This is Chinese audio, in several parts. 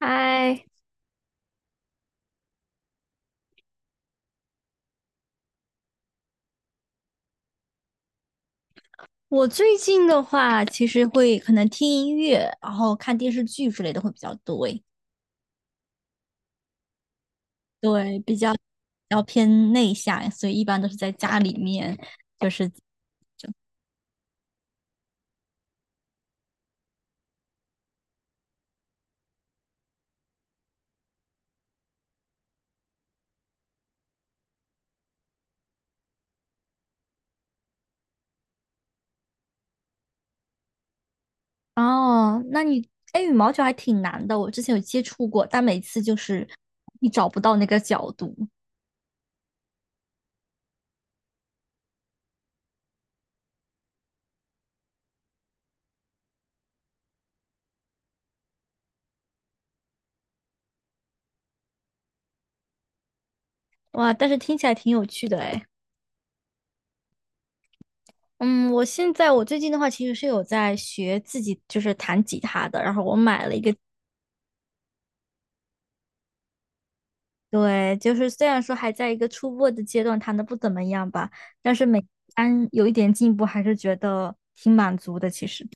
嗨，我最近的话，其实可能听音乐，然后看电视剧之类的会比较多诶。对，比较要偏内向，所以一般都是在家里面。就是哦，那你哎，羽毛球还挺难的，我之前有接触过，但每次就是你找不到那个角度。哇，但是听起来挺有趣的哎。嗯，我现在我最近的话，其实是有在学自己就是弹吉他的，然后我买了一个对，就是虽然说还在一个初步的阶段，弹的不怎么样吧，但是每单有一点进步，还是觉得挺满足的。其实，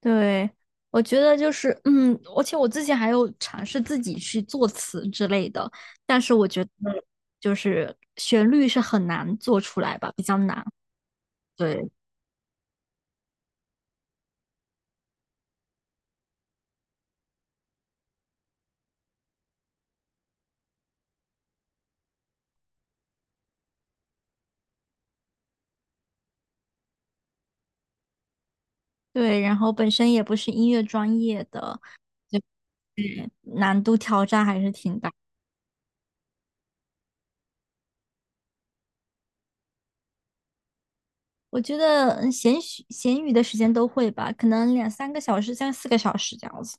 对，我觉得就是，而且我之前还有尝试自己去作词之类的，但是我觉得就是旋律是很难做出来吧，比较难。对对，然后本身也不是音乐专业的，难度挑战还是挺大。我觉得闲许闲余的时间都会吧，可能两三个小时，三四个小时这样子。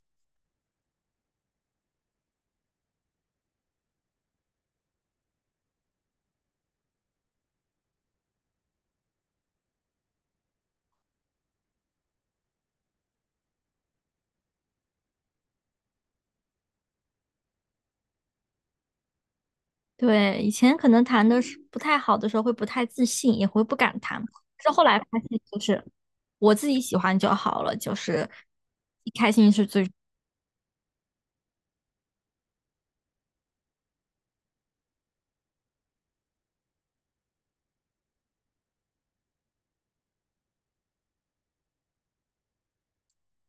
对，以前可能谈的是不太好的时候，会不太自信，也会不敢弹。但是后来发现，就是我自己喜欢就好了，就是开心是最。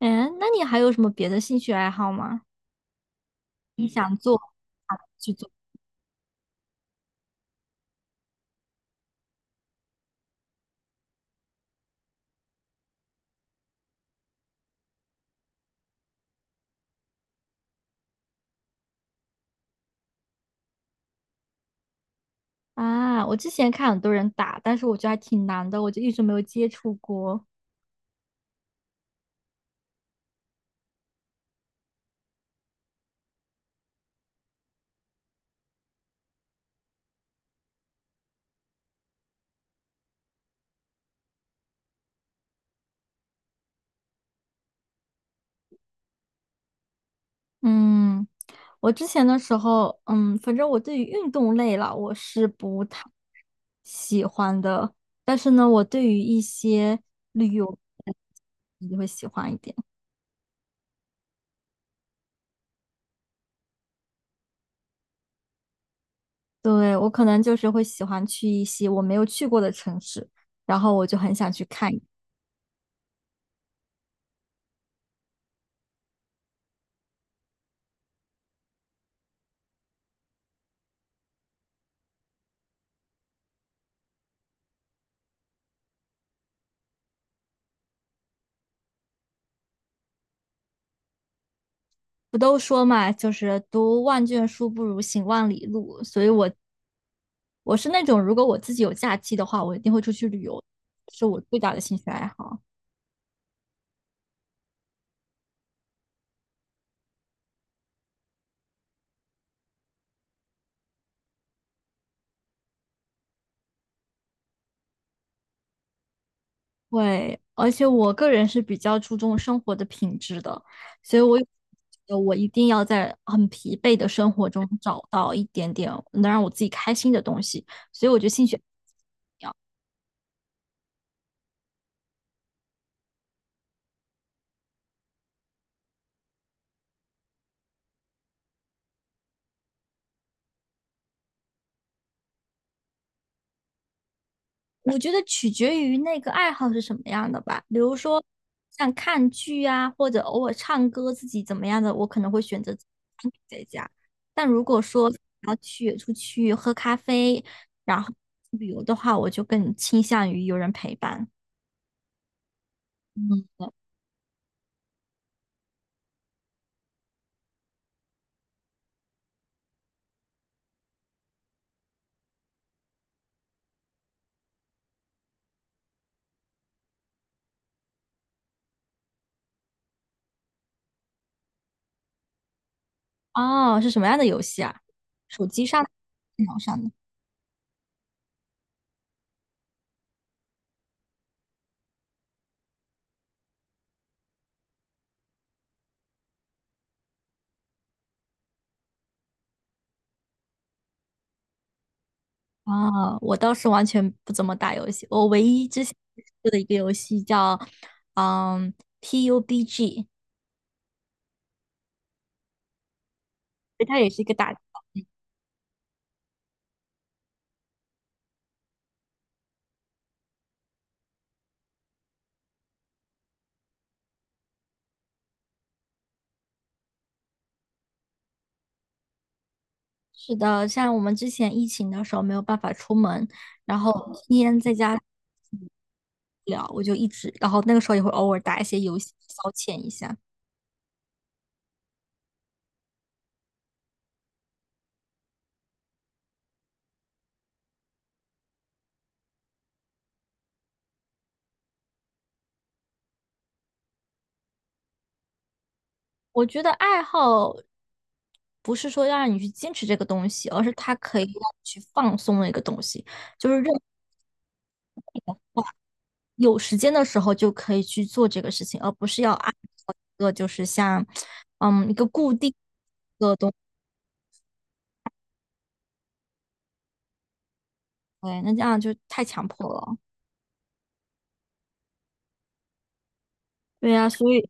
嗯，那你还有什么别的兴趣爱好吗？做去做啊？我之前看很多人打，但是我觉得还挺难的，我就一直没有接触过。嗯，我之前的时候，反正我对于运动类啦，我是不太喜欢的，但是呢，我对于一些旅游就会喜欢一点。对，我可能就是会喜欢去一些我没有去过的城市，然后我就很想去看一不都说嘛，就是读万卷书不如行万里路，所以我是那种如果我自己有假期的话，我一定会出去旅游，是我最大的兴趣爱好。会，而且我个人是比较注重生活的品质的，所以我有觉得我一定要在很疲惫的生活中找到一点点能让我自己开心的东西。所以我觉得兴趣，我觉得取决于那个爱好是什么样的吧。比如说像看剧啊，或者偶尔唱歌，自己怎么样的，我可能会选择自己在家。但如果说要去出去喝咖啡，然后旅游的话，我就更倾向于有人陪伴。哦，是什么样的游戏啊？手机上的电脑上的？啊、我倒是完全不怎么打游戏，我唯一之前接触的一个游戏叫，嗯，PUBG，它也是一个打。是的，像我们之前疫情的时候没有办法出门，然后天天在家无聊，我就一直，然后那个时候也会偶尔打一些游戏消遣一下。我觉得爱好不是说要让你去坚持这个东西，而是它可以让你去放松的一个东西。就是任有时间的时候就可以去做这个事情，而不是要按照一个就是像一个固定的东西，对那这样就太强迫了。对呀、所以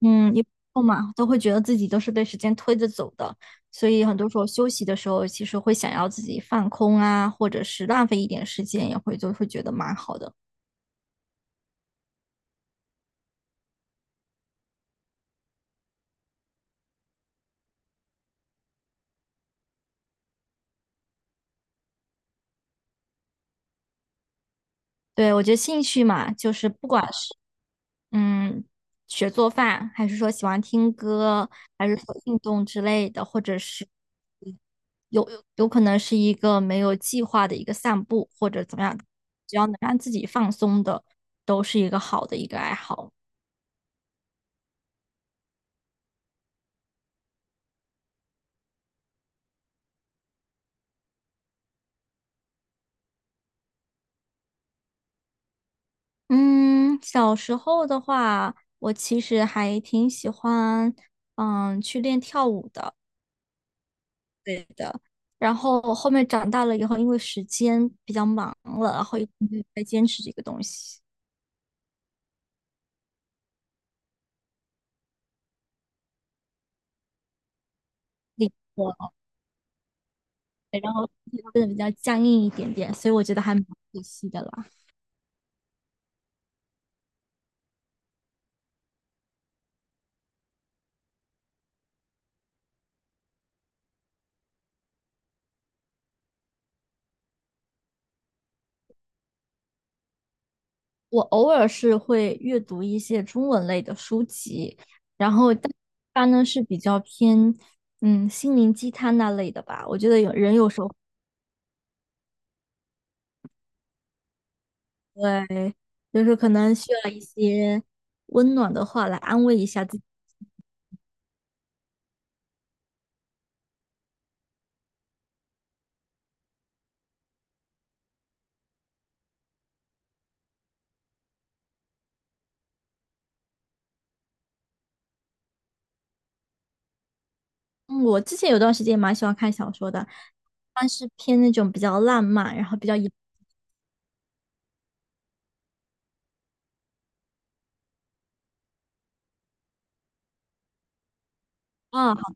一后嘛都会觉得自己都是被时间推着走的，所以很多时候休息的时候，其实会想要自己放空啊，或者是浪费一点时间，也会就会觉得蛮好的。对，我觉得兴趣嘛，就是不管是。嗯，学做饭，还是说喜欢听歌，还是说运动之类的，或者是有可能是一个没有计划的一个散步，或者怎么样，只要能让自己放松的，都是一个好的一个爱好。嗯，小时候的话，我其实还挺喜欢，去练跳舞的，对的。然后后面长大了以后，因为时间比较忙了，然后一直没有再坚持这个东西。那个。对然后身体会变得比较僵硬一点点，所以我觉得还蛮可惜的啦。我偶尔是会阅读一些中文类的书籍，然后但它呢是比较偏心灵鸡汤那类的吧。我觉得有人有时候会就是可能需要一些温暖的话来安慰一下自己。嗯，我之前有段时间也蛮喜欢看小说的，但是偏那种比较浪漫，然后比较阳啊